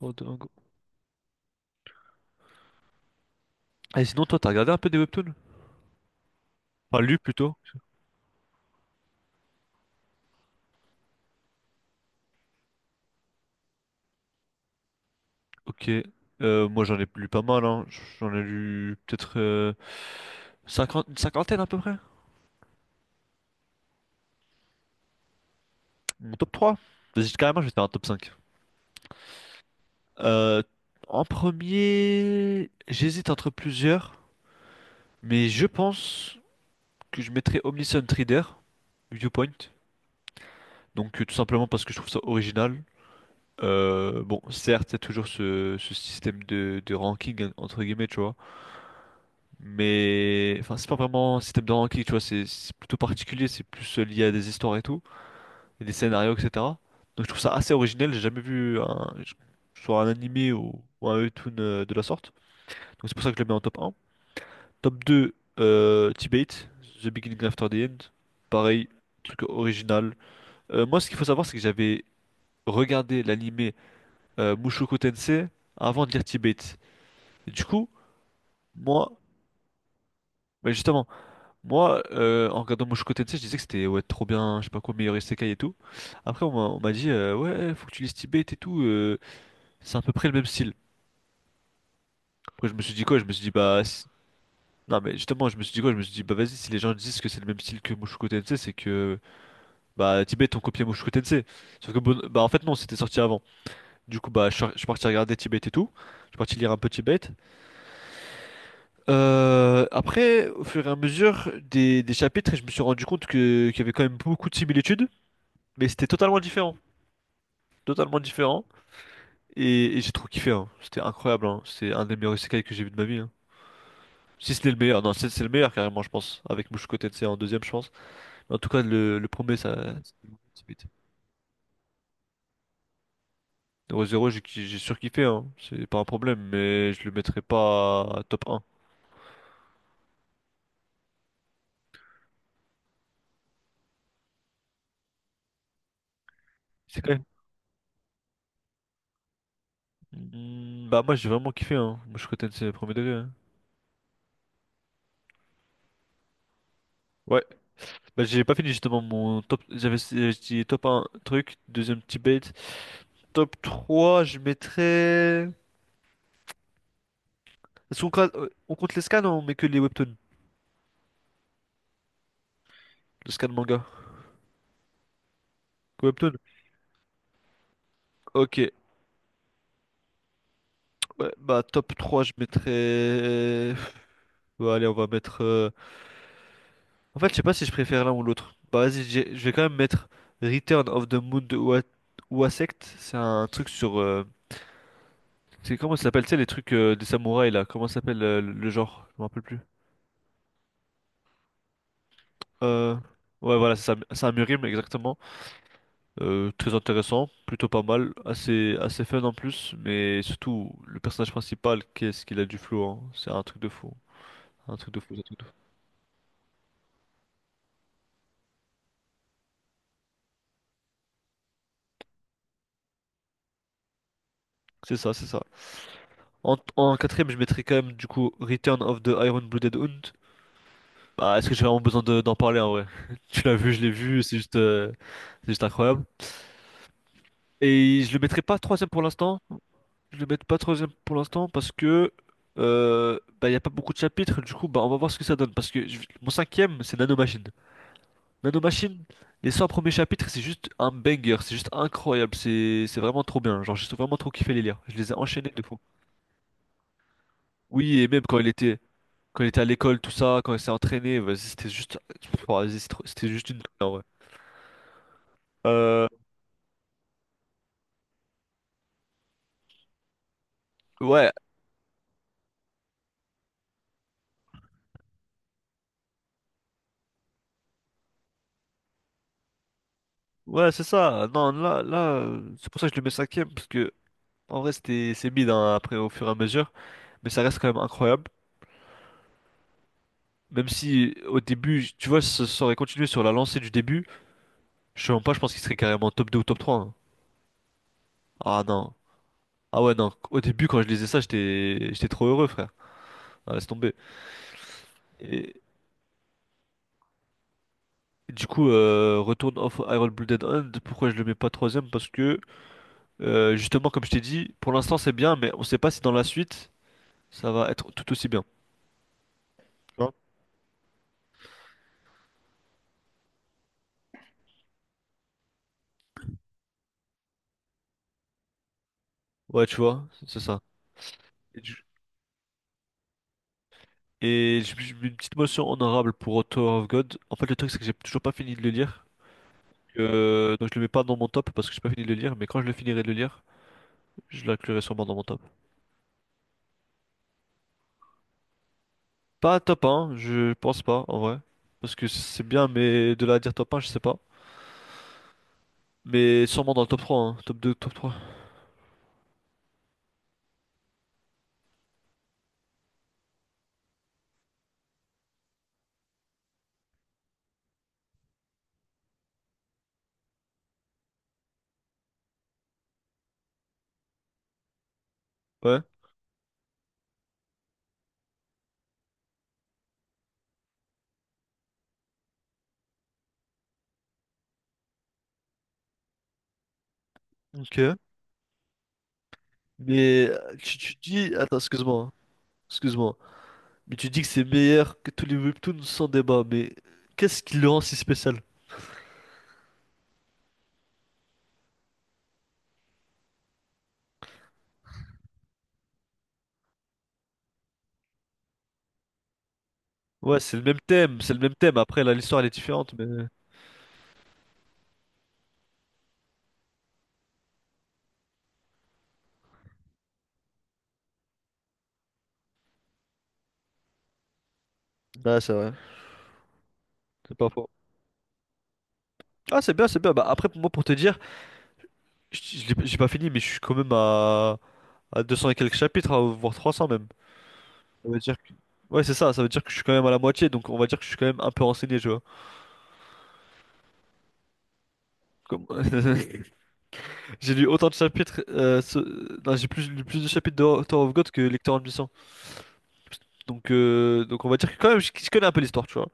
Oh, dingo. Et sinon, toi, t'as regardé un peu des webtoons? Enfin, lu plutôt. Ok. Moi, j'en ai lu pas mal, hein. J'en ai lu peut-être une cinquantaine à peu près. Mon top trois. Vas-y, carrément, je vais faire un top 5. Euh, En premier, j'hésite entre plusieurs, mais je pense que je mettrais Omniscient Reader, Viewpoint. Donc, tout simplement parce que je trouve ça original. Bon, certes, il y a toujours ce système de ranking, entre guillemets, tu vois. Mais enfin, c'est pas vraiment un système de ranking, tu vois, c'est plutôt particulier, c'est plus lié à des histoires et tout, et des scénarios, etc. Donc je trouve ça assez original, j'ai jamais vu un, soit un animé ou un webtoon de la sorte. Donc c'est pour ça que je le mets en top un. Top deux, T-Bait, The Beginning After the End. Pareil, truc original. Moi, ce qu'il faut savoir, c'est que j'avais regardé l'animé Mushoku Tensei avant de lire T-Bait. Et du coup, moi, mais justement. Moi, en regardant Mushoku-tensei, je disais que c'était ouais, trop bien, je sais pas quoi, meilleur isekai et tout. Après, on m'a dit, ouais, faut que tu lises Tibet et tout, c'est à peu près le même style. Après, je me suis dit quoi? Je me suis dit, bah, non, mais justement, je me suis dit quoi? Je me suis dit, bah, vas-y, si les gens disent que c'est le même style que Mushoku-tensei, c'est que, bah, Tibet ont copié Mushoku-tensei. Sauf que, bon, bah, en fait, non, c'était sorti avant. Du coup, bah, je suis parti regarder Tibet et tout. Je suis parti lire un peu Tibet. Après, au fur et à mesure des chapitres, je me suis rendu compte que, qu'il y avait quand même beaucoup de similitudes, mais c'était totalement différent. Totalement différent. Et j'ai trop kiffé, hein. C'était incroyable, hein. C'est un des meilleurs isekai que j'ai vu de ma vie, hein. Si ce n'est le meilleur, non, c'est le meilleur carrément, je pense. Avec Mushoku Tensei en deuxième, je pense. Mais en tout cas, le premier, ça. C'est vite. Zero Zero, j'ai surkiffé, hein. C'est pas un problème, mais je le mettrai pas top un. C'est quand même. Hmm, bah, moi, j'ai vraiment kiffé, hein. Mushoku Tensei, premier degré, hein. Ouais, bah j'ai pas fini justement mon top. J'avais dit top un truc, deuxième petit bait. Top 3 je mettrais. On compte les scans ou on met que les webtoons? Les scans manga. Que Webtoons? Ok. Ouais, bah top 3, je mettrais. Bah, allez, on va mettre, en fait, je sais pas si je préfère l'un ou l'autre. Bah, vas-y, je vais quand même mettre Return of the Moon de Uasect. C'est un truc sur, c'est, comment ça s'appelle? Tu sais, les trucs des samouraïs là. Comment ça s'appelle le genre? Je me rappelle plus. Euh... Ouais, voilà, c'est ça, Samurim, exactement. Très intéressant, plutôt pas mal, assez, assez fun en plus, mais surtout le personnage principal, qu'est-ce qu'il a du flow, hein. C'est un truc de fou, un truc de fou, un truc de fou. C'est ça, c'est ça. En quatrième, je mettrais quand même du coup Return of the Iron-Blooded Hound. Bah, est-ce que j'ai vraiment besoin d'en parler en vrai? Tu l'as vu, je l'ai vu, c'est juste incroyable. Et je le mettrai pas troisième pour l'instant, je le mettrai pas troisième pour l'instant parce que bah, il n'y a pas beaucoup de chapitres, du coup bah, on va voir ce que ça donne. Parce que mon cinquième c'est Nanomachine. Nanomachine, les 100 premiers chapitres, c'est juste un banger, c'est juste incroyable, c'est vraiment trop bien. Genre, j'ai vraiment trop kiffé les lire. Je les ai enchaînés de fou. Oui, et même quand il était à l'école, tout ça, quand il s'est entraîné, vas-y, c'était juste oh, vas-y, c'était juste une en vrai. Euh, ouais, ouais, c'est ça. Non, là là, c'est pour ça que je le mets cinquième parce que en vrai, c'est bide hein, après au fur et à mesure, mais ça reste quand même incroyable. Même si au début, tu vois, ça aurait continué sur la lancée du début, je sais même pas, je pense qu'il serait carrément top 2 ou top 3 hein. Ah non. Ah ouais, non, au début quand je lisais ça, j'étais trop heureux, frère. Ah, laisse tomber. Et du coup, Return of Iron Blooded Hand, pourquoi je le mets pas troisième? Parce que, justement, comme je t'ai dit, pour l'instant c'est bien, mais on sait pas si dans la suite, ça va être tout aussi bien. Tu vois. Ouais, tu vois, c'est ça. Et, du- et j'ai mis une petite motion honorable pour Author of God. En fait, le truc, c'est que j'ai toujours pas fini de le lire. Donc je le mets pas dans mon top parce que j'ai pas fini de le lire, mais quand je le finirai de le lire, je l'inclurai sûrement dans mon top. Pas top 1, je pense pas en vrai. Parce que c'est bien, mais de là à dire top 1, je sais pas. Mais sûrement dans le top 3, hein. Top 2, top 3. Ouais, ok. Mais tu dis. Attends, excuse-moi, hein. Excuse-moi. Mais tu dis que c'est meilleur que tous les webtoons sans débat. Mais qu'est-ce qui le rend si spécial? Ouais, c'est le même thème, c'est le même thème. Après, là, l'histoire elle est différente, mais. Ah c'est vrai. C'est pas faux. Ah, c'est bien, c'est bien. Bah, après, pour moi, pour te dire, j'ai pas fini, mais je suis quand même à 200 et quelques chapitres, voire 300 même. Ça veut dire que... Ouais, c'est ça, ça veut dire que je suis quand même à la moitié, donc on va dire que je suis quand même un peu renseigné, tu vois. Comme- J'ai lu autant de chapitres, non, lu plus de chapitres de Tower of God que Lecteur en mission. Donc on va dire que quand même, je connais un peu l'histoire, tu vois.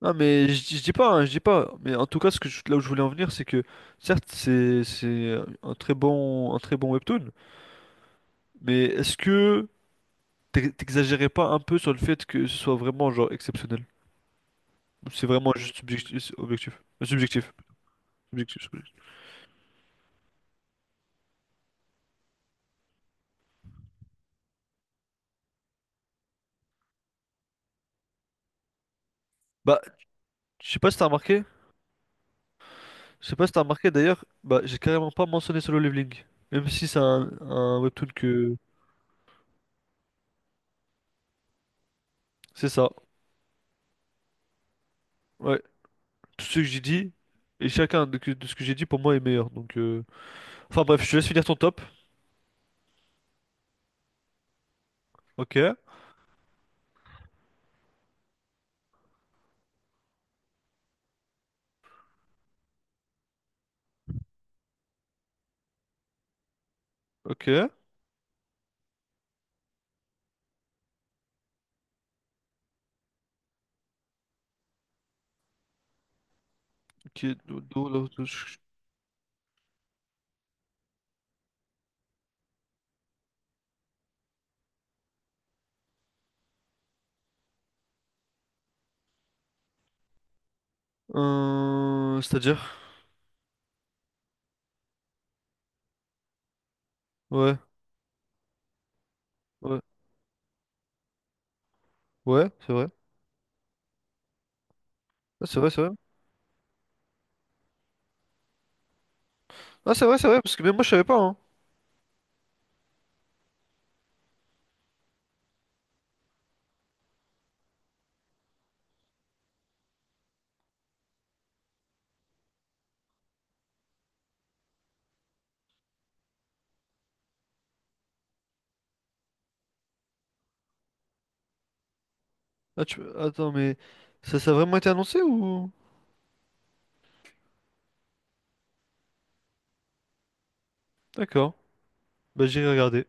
Non, mais je dis pas, hein, je dis pas. Mais en tout cas, là où je voulais en venir, c'est que, certes, c'est un très bon webtoon, mais est-ce que t'exagérais pas un peu sur le fait que ce soit vraiment, genre, exceptionnel? Ou c'est vraiment juste subjectif, objectif. Subjectif. Objectif, subjectif. Bah, je sais pas si t'as remarqué, je sais pas si t'as remarqué d'ailleurs, bah j'ai carrément pas mentionné Solo Leveling, même si c'est un webtoon que c'est ça. Ouais, tout ce que j'ai dit et chacun de, de ce que j'ai dit pour moi est meilleur. Donc enfin bref, je te laisse finir ton top. OK, OK. OK. do- do- do- do- ch- c'est-à-dire ouais, ouais. Ouais, c'est vrai. Ah, c'est vrai, c'est vrai. Ah, c'est vrai parce que même moi je savais pas hein. Ah, tu... attends mais ça ça a vraiment été annoncé ou. D'accord. Bah j'irai regarder.